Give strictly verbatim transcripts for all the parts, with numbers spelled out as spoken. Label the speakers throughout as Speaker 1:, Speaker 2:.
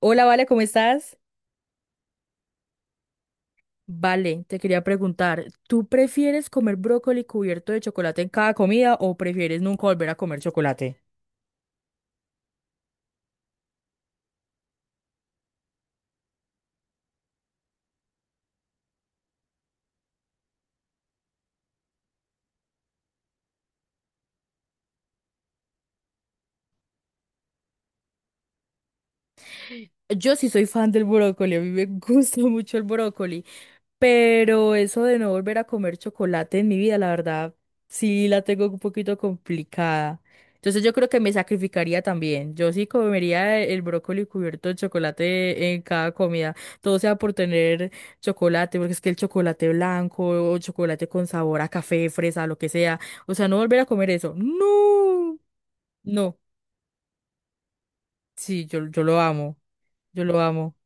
Speaker 1: Hola, Vale, ¿cómo estás? Vale, te quería preguntar, ¿tú prefieres comer brócoli cubierto de chocolate en cada comida o prefieres nunca volver a comer chocolate? Yo sí soy fan del brócoli, a mí me gusta mucho el brócoli, pero eso de no volver a comer chocolate en mi vida, la verdad, sí la tengo un poquito complicada. Entonces yo creo que me sacrificaría también. Yo sí comería el brócoli cubierto de chocolate en cada comida. Todo sea por tener chocolate, porque es que el chocolate blanco o chocolate con sabor a café, fresa, lo que sea. O sea, no volver a comer eso. No, no. Sí, yo, yo lo amo. Yo lo amo.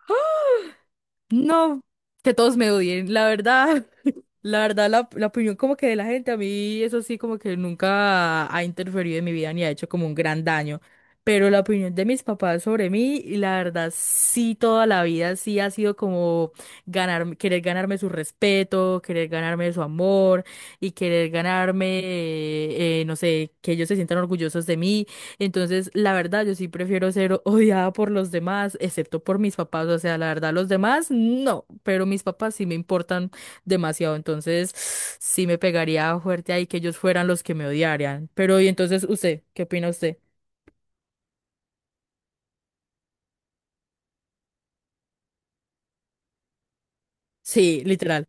Speaker 1: No, que todos me odien, la verdad, la verdad, la, la opinión como que de la gente, a mí eso sí como que nunca ha interferido en mi vida ni ha hecho como un gran daño, pero la opinión de mis papás sobre mí, y la verdad, sí, toda la vida sí ha sido como ganar, querer ganarme su respeto, querer ganarme su amor y querer ganarme, eh, eh, no sé, que ellos se sientan orgullosos de mí. Entonces, la verdad, yo sí prefiero ser odiada por los demás, excepto por mis papás. O sea, la verdad, los demás no, pero mis papás sí me importan demasiado. Entonces, sí me pegaría fuerte ahí que ellos fueran los que me odiarían. Pero, y entonces, usted, ¿qué opina usted? Sí, literal,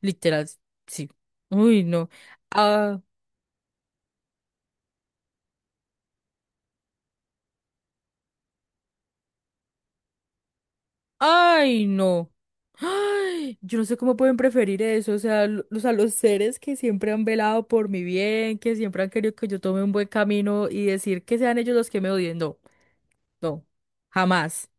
Speaker 1: literal, sí. Uy, no. Ah, ay, no. Ay, yo no sé cómo pueden preferir eso. O sea, lo- o sea, los seres que siempre han velado por mi bien, que siempre han querido que yo tome un buen camino y decir que sean ellos los que me odien. No, no. Jamás.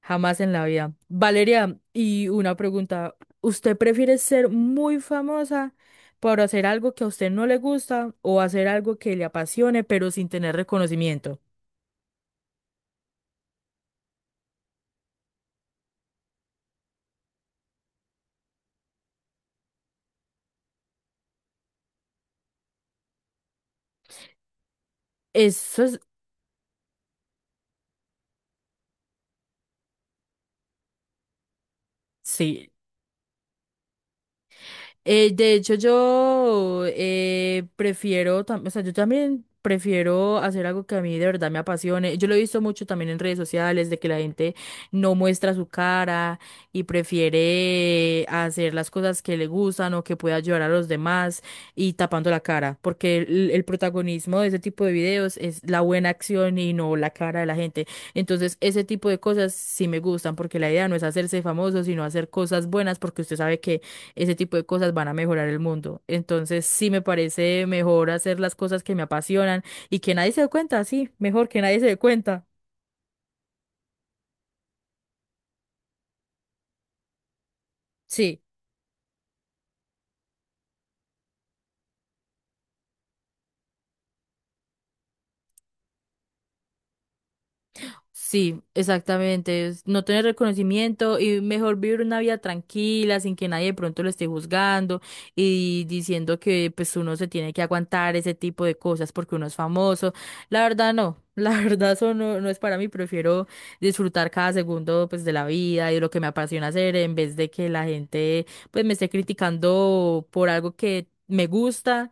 Speaker 1: Jamás en la vida. Valeria, y una pregunta. ¿Usted prefiere ser muy famosa por hacer algo que a usted no le gusta o hacer algo que le apasione pero sin tener reconocimiento? Eso es, sí. Eh, de hecho, yo eh, prefiero, tam- o sea, yo también prefiero hacer algo que a mí de verdad me apasione. Yo lo he visto mucho también en redes sociales, de que la gente no muestra su cara y prefiere hacer las cosas que le gustan o que pueda ayudar a los demás y tapando la cara, porque el, el protagonismo de ese tipo de videos es la buena acción y no la cara de la gente. Entonces, ese tipo de cosas sí me gustan, porque la idea no es hacerse famoso, sino hacer cosas buenas, porque usted sabe que ese tipo de cosas van a mejorar el mundo. Entonces, sí me parece mejor hacer las cosas que me apasionan y que nadie se dé cuenta, sí, mejor que nadie se dé cuenta. Sí. Sí, exactamente. Es no tener reconocimiento y mejor vivir una vida tranquila, sin que nadie de pronto lo esté juzgando y diciendo que pues uno se tiene que aguantar ese tipo de cosas porque uno es famoso. La verdad no, la verdad eso no, no es para mí. Prefiero disfrutar cada segundo pues de la vida y de lo que me apasiona hacer en vez de que la gente pues me esté criticando por algo que me gusta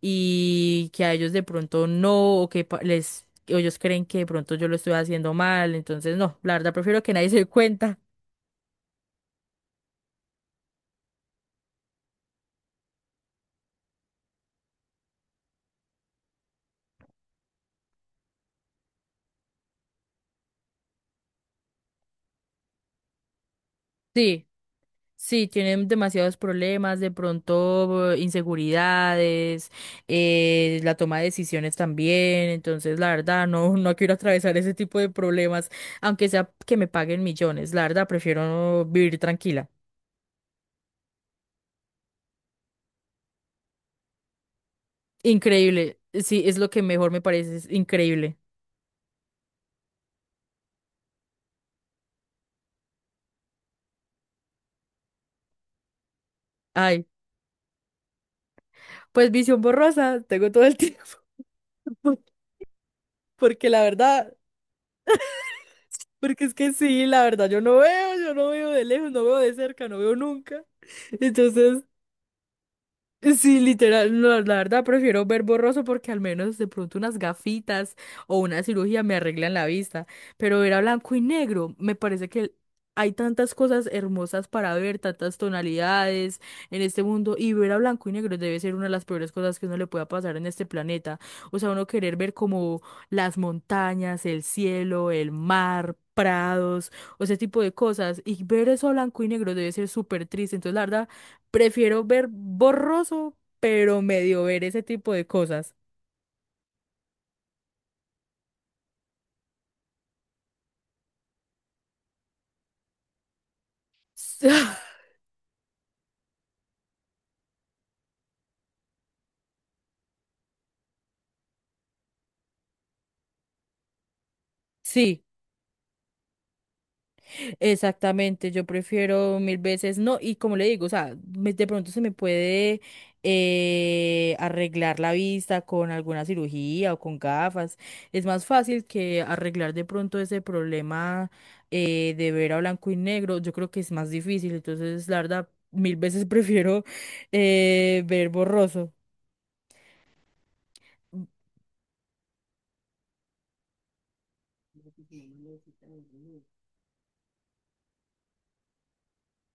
Speaker 1: y que a ellos de pronto no, o que pa- les, o ellos creen que de pronto yo lo estoy haciendo mal, entonces no, la verdad prefiero que nadie se dé cuenta. Sí, sí, tienen demasiados problemas, de pronto eh, inseguridades, eh, la toma de decisiones también, entonces la verdad no, no quiero atravesar ese tipo de problemas, aunque sea que me paguen millones, la verdad prefiero vivir tranquila. Increíble, sí, es lo que mejor me parece, es increíble. Ay, pues visión borrosa, tengo todo el tiempo. Por- Porque la verdad, porque es que sí, la verdad, yo no veo, yo no veo de lejos, no veo de cerca, no veo nunca. Entonces, sí, literal, no, la verdad prefiero ver borroso porque al menos de pronto unas gafitas o una cirugía me arreglan la vista, pero ver a blanco y negro, me parece que hay tantas cosas hermosas para ver, tantas tonalidades en este mundo y ver a blanco y negro debe ser una de las peores cosas que uno le pueda pasar en este planeta. O sea, uno querer ver como las montañas, el cielo, el mar, prados o ese tipo de cosas y ver eso a blanco y negro debe ser súper triste, entonces la verdad prefiero ver borroso, pero medio ver ese tipo de cosas. Sí, exactamente. Yo prefiero mil veces no. Y como le digo, o sea, me- de pronto se me puede eh, arreglar la vista con alguna cirugía o con gafas. Es más fácil que arreglar de pronto ese problema eh, de ver a blanco y negro. Yo creo que es más difícil. Entonces, la verdad, mil veces prefiero eh, ver borroso.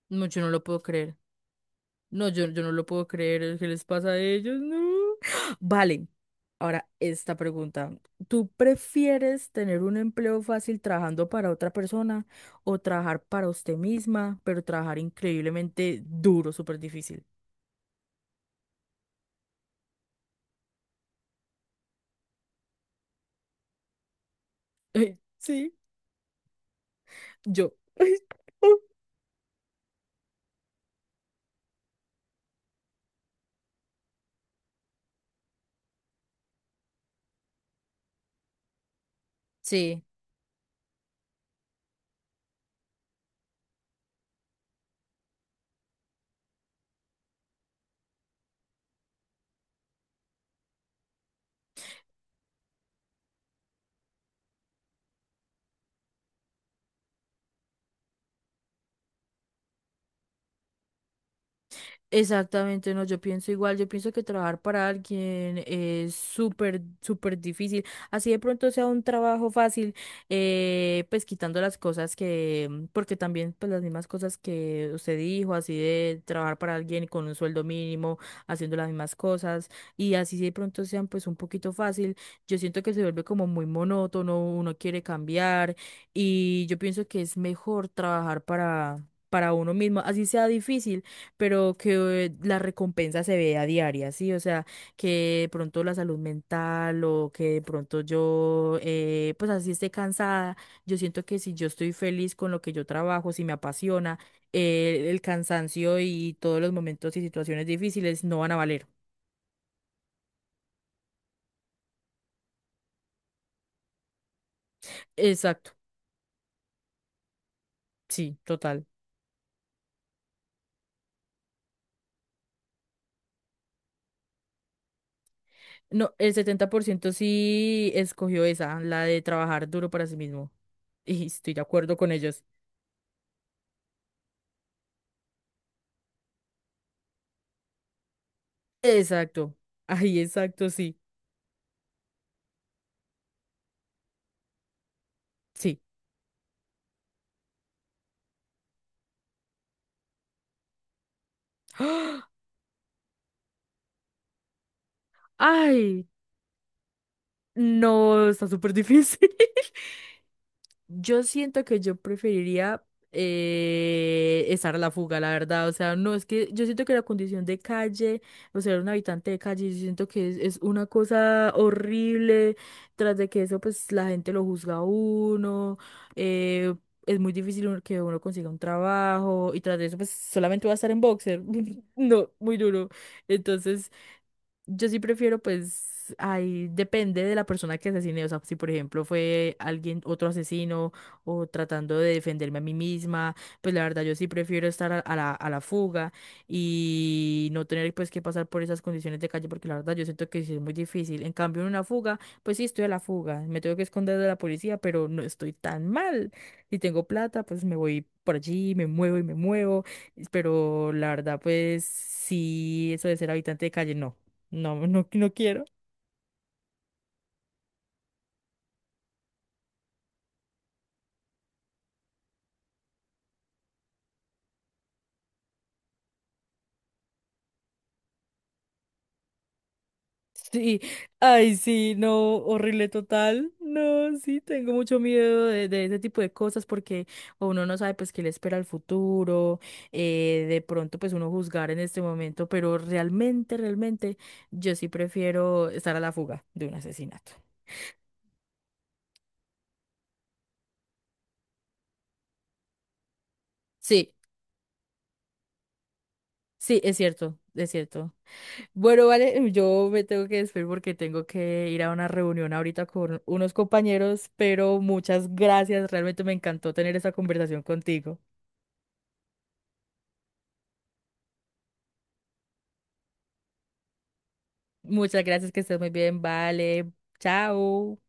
Speaker 1: No, yo no lo puedo creer. No, yo, yo no lo puedo creer. ¿Qué les pasa a ellos? No. Vale. Ahora, esta pregunta. ¿Tú prefieres tener un empleo fácil trabajando para otra persona o trabajar para usted misma, pero trabajar increíblemente duro, súper difícil? Ay, sí, yo. Ay, oh. Sí. Exactamente, no, yo pienso igual, yo pienso que trabajar para alguien es súper, súper difícil. Así de pronto sea un trabajo fácil, eh, pues quitando las cosas que, mm, porque también pues las mismas cosas que usted dijo, así de trabajar para alguien con un sueldo mínimo, haciendo las mismas cosas, y así de pronto sean pues un poquito fácil, yo siento que se vuelve como muy monótono, uno quiere cambiar, y yo pienso que es mejor trabajar para, para uno mismo, así sea difícil pero que eh, la recompensa se vea diaria, ¿sí? O sea, que de pronto la salud mental o que de pronto yo, eh, pues así esté cansada, yo siento que si yo estoy feliz con lo que yo trabajo, si me apasiona, eh, el cansancio y todos los momentos y situaciones difíciles no van a valer. Exacto, sí, total. No, el setenta por ciento sí escogió esa, la de trabajar duro para sí mismo. Y estoy de acuerdo con ellos. Exacto. Ay, exacto, sí. Sí. Ay, no, está súper difícil. Yo siento que yo preferiría eh, estar a la fuga, la verdad. O sea, no, es que yo siento que la condición de calle, o sea, un habitante de calle, yo siento que es, es una cosa horrible. Tras de que eso, pues la gente lo juzga a uno. eh, es muy difícil uno- que uno consiga un trabajo. Y tras de eso, pues solamente va a estar en boxer. No, muy duro. Entonces. Yo sí prefiero, pues, ahí depende de la persona que asesine. O sea, si por ejemplo fue alguien, otro asesino, o tratando de defenderme a mí misma, pues la verdad yo sí prefiero estar a, a la, a la fuga y no tener pues que pasar por esas condiciones de calle, porque la verdad yo siento que sí es muy difícil. En cambio, en una fuga, pues sí estoy a la fuga. Me tengo que esconder de la policía, pero no estoy tan mal. Si tengo plata, pues me voy por allí, me muevo y me muevo. Pero la verdad, pues sí, eso de ser habitante de calle, no. No, no, no quiero. Sí, ay, sí, no, horrible total. No, sí, tengo mucho miedo de, de ese tipo de cosas porque uno no sabe pues qué le espera el futuro, eh, de pronto pues uno juzgar en este momento, pero realmente, realmente yo sí prefiero estar a la fuga de un asesinato. Sí, sí, es cierto, es cierto. Bueno, vale, em, yo me tengo que despedir porque tengo que ir a una reunión ahorita con unos compañeros, pero muchas gracias, realmente me encantó tener esta conversación contigo. Muchas gracias, que estés muy bien, vale, chao.